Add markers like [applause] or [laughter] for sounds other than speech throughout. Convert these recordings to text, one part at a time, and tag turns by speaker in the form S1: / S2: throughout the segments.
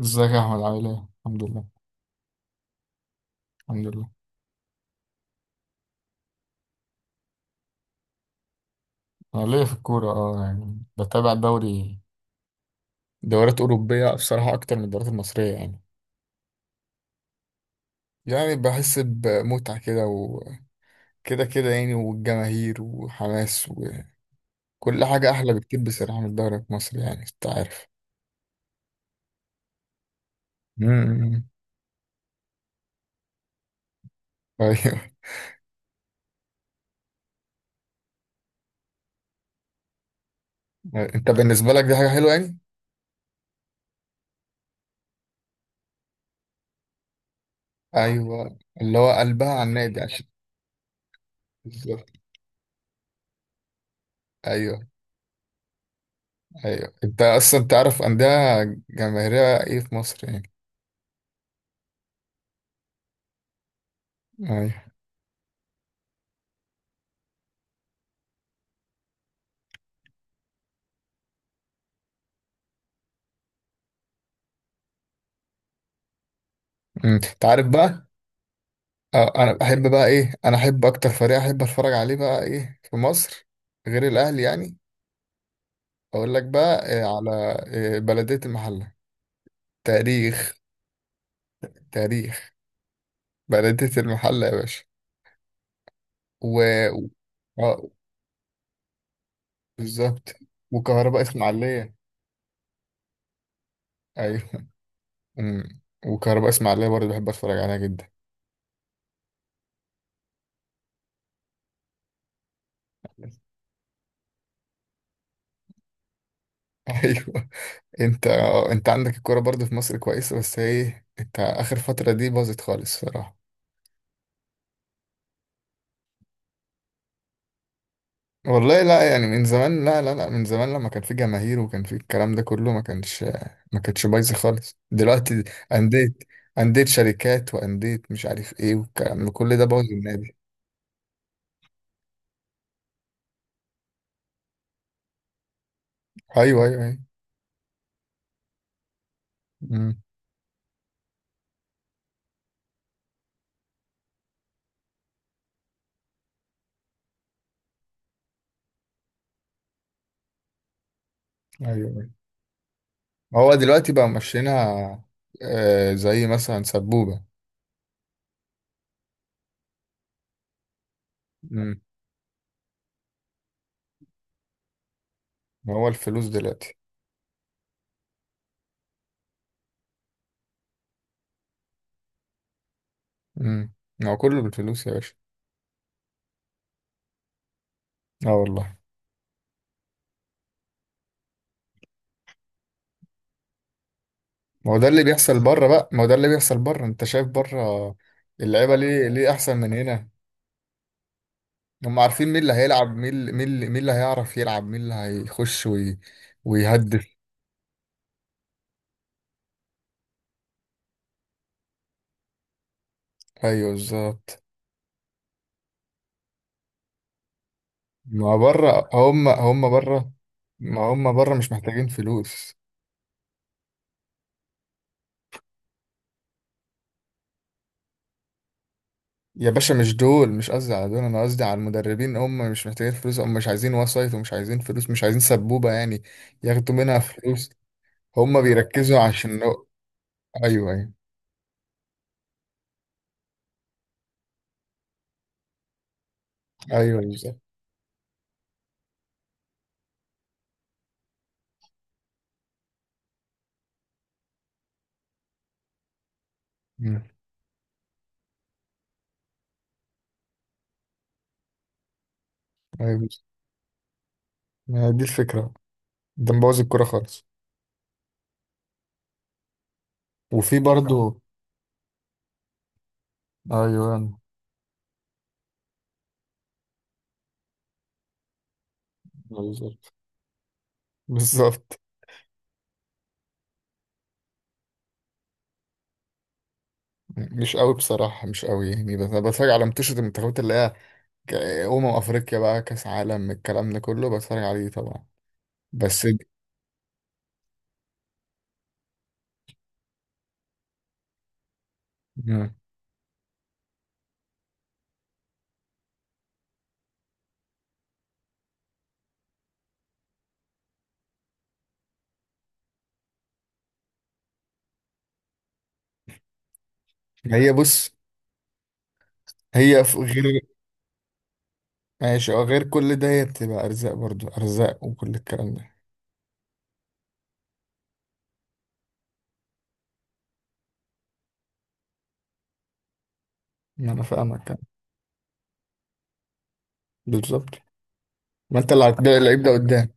S1: ازيك يا احمد، عامل ايه؟ الحمد لله. الحمد لله. انا ليا في الكورة اه يعني بتابع دوريات أوروبية بصراحة أكتر من الدوريات المصرية يعني بحس بمتعة كده وكده، كده يعني، والجماهير وحماس، وكل حاجة أحلى بكتير بصراحة من الدوري المصري يعني، أنت عارف. امم. أيوه. [laughs] أنت بالنسبة لك دي حاجة حلوة يعني؟ أيوه، اللي هو قلبها على النادي عشان. بالظبط. أيوه. أيوه، أنت أصلا تعرف أندية جماهيرية إيه في مصر يعني؟ ايوه. انت عارف بقى. آه، انا بحب بقى ايه، انا احب اكتر فريق احب اتفرج عليه بقى ايه في مصر غير الاهلي يعني، اقول لك بقى إيه على إيه؟ بلدية المحلة. تاريخ. تاريخ. بلدية المحلة يا باشا. و... آه، بالظبط. وكهرباء اسماعيلية. ايوه. وكهرباء اسماعيلية برضه بحب اتفرج عليها جدا. [laughs] ايوه. انت عندك الكوره برضه في مصر كويسة، بس ايه انت اخر فترة دي باظت خالص صراحة. والله لا، يعني من زمان؟ لا لا لا، من زمان لما كان في جماهير وكان في الكلام ده كله، ما كانتش بايظه خالص دلوقتي. انديه انديه شركات، وانديه مش عارف ايه، والكلام ده كل ده بوظ النادي. ايوه ايوه ايوه. امم. ايوه ايوه. هو دلوقتي بقى ماشيينها. آه، زي مثلا سبوبه. امم. ما هو الفلوس دلوقتي. امم. ما هو كله بالفلوس يا باشا. اه والله. ما هو ده اللي بيحصل بره بقى، ما هو ده اللي بيحصل بره، انت شايف بره. اللعيبه ليه احسن من هنا. هم عارفين مين اللي هيلعب، مين اللي هيعرف يلعب، مين اللي هيخش ويهدف. ايوه بالظبط. ما بره، هم بره. ما هم بره مش محتاجين فلوس. يا باشا مش دول، مش قصدي على دول، انا قصدي على المدربين. هم مش محتاجين فلوس، هم مش عايزين وسايط ومش عايزين فلوس، مش عايزين سبوبة يعني ياخدوا منها فلوس. هم بيركزوا عشان ايوه ايوه ايوه بالظبط. مم. ايوه بالظبط. ما هي دي الفكرة. ده مبوظ الكورة خالص. وفي برضو. ايوه. بالظبط. بالظبط. مش قوي بصراحة، مش قوي يعني، بس أنا بتفرج على منتشرة المنتخبات اللي هي ك- أمم أفريقيا بقى، كأس عالم، الكلام ده كله بتفرج عليه طبعا، بس مم. هي بص، هي غير، ماشي، أه، غير كل ده هي بتبقى أرزاق، برضو أرزاق وكل الكلام ده. ما أنا فاهمك أنا. بالظبط. ما أنت اللي هتبدأ اللعيب ده قدام.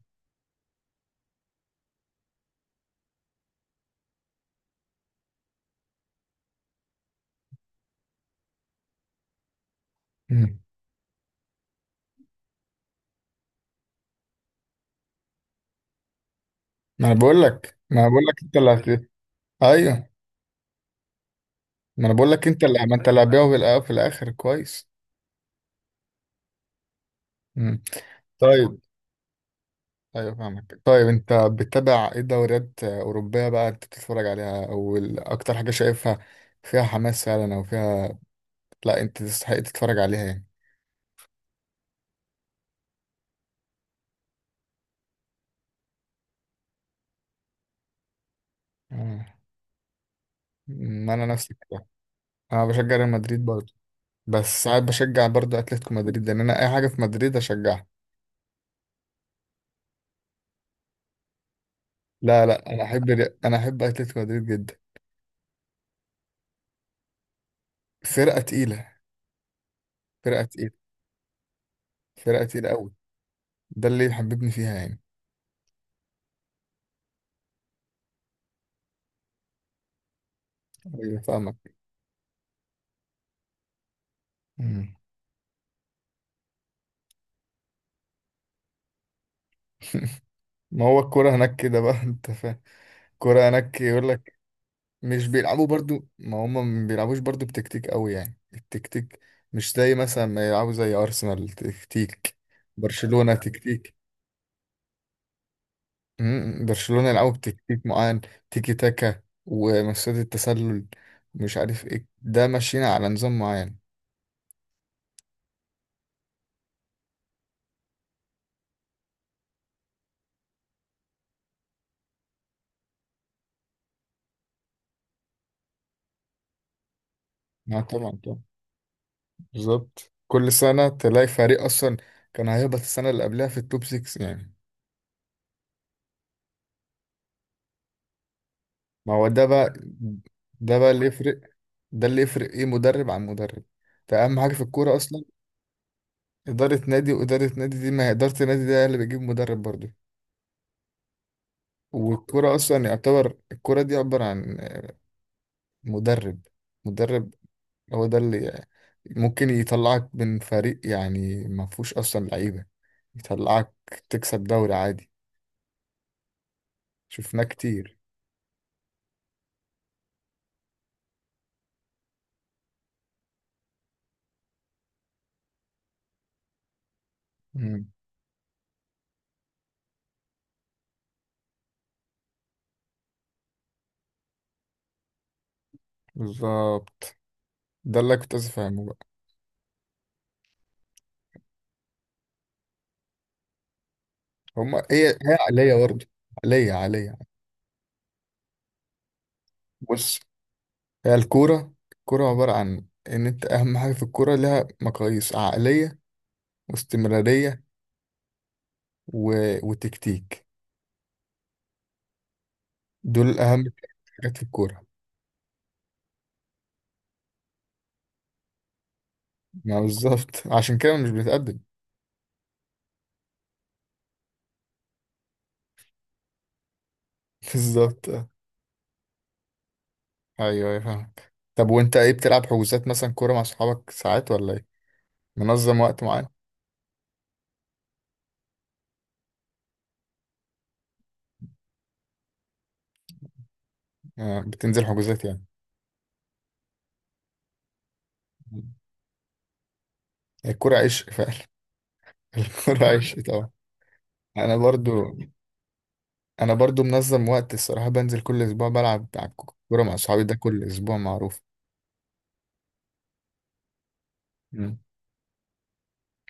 S1: مم. ما أنا بقول لك أنت اللي أيوه. ما أنا بقول لك، أنت اللي ما أنت اللي هتبيعه في الآخر كويس. مم. طيب. ايوه فاهمك. طيب انت بتتابع ايه؟ دوريات اوروبيه بقى انت بتتفرج عليها، اكتر حاجه شايفها فيها حماس فعلا، او فيها، لا، انت تستحق تتفرج عليها يعني. آه. ما انا نفسي كده. انا بشجع ريال مدريد برضه، بس ساعات بشجع برضه اتلتيكو مدريد، لان انا اي حاجه في مدريد اشجعها. لا لا، انا احب اتلتيكو مدريد جدا. فرقه تقيله. فرقه تقيله. فرقه تقيله قوي. ده اللي يحببني فيها يعني. ايوه فاهمك. مم. ما هو الكوره هناك كده بقى، [laughs] انت فاهم. كرة هناك، يقول لك. مش بيلعبوا برضو؟ ما هم ما بيلعبوش برضو بتكتيك قوي يعني. التكتيك مش زي مثلا ما يلعبوا زي أرسنال تكتيك، برشلونة تكتيك. مم، برشلونة يلعبوا بتكتيك معين، تيكي تاكا ومسات التسلل، مش عارف ايه ده، ماشيين على نظام معين. ما طبعا طبعا، بالظبط كل سنة تلاقي فريق أصلا كان هيهبط السنة اللي قبلها في التوب 6 يعني. ما هو ده بقى. ده بقى اللي يفرق. ده اللي يفرق ايه مدرب عن مدرب. ده أهم حاجة في الكورة أصلا. إدارة نادي وإدارة نادي، دي ما هي إدارة النادي ده اللي بيجيب مدرب برضه. والكرة أصلا يعتبر الكرة دي عبارة عن مدرب. مدرب هو ده اللي ممكن يطلعك من فريق يعني ما فيهوش أصلا لعيبة، يطلعك تكسب دوري عادي. شفناه كتير. مم. بالظبط. ده اللي كنت عايز أفهمه بقى. هما هي عقلية برضه، عقلية عقلية. بص، هي الكورة عبارة عن إن أنت، أهم حاجة في الكورة لها مقاييس عقلية، واستمرارية، و... وتكتيك. دول أهم حاجات في الكورة. ما بالظبط، [laughs] عشان كده مش بنتقدم. [laughs] بالظبط أه. أيوه أيوه فاهمك. طب وأنت إيه، بتلعب حجوزات مثلا كورة مع صحابك ساعات ولا إيه؟ منظم وقت معين؟ آه، بتنزل حجوزات يعني. الكورة عشق فعلا. [laughs] الكورة عشق طبعا. أنا برضو. أنا برضو منظم وقت الصراحة، بنزل كل أسبوع بلعب على كورة مع صحابي، ده كل أسبوع معروف. مم.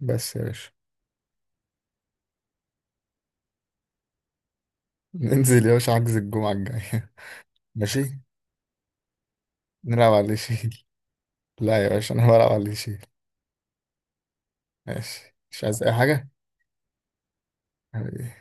S1: بس يا باشا. [laughs] ننزل يا باشا حجز الجمعة الجاية. [laughs] ماشي. نلعب على شيء. [laughs] لا يا باشا، انا بلعب على اللي يشيل. ماشي، مش عايز اي حاجه يعني.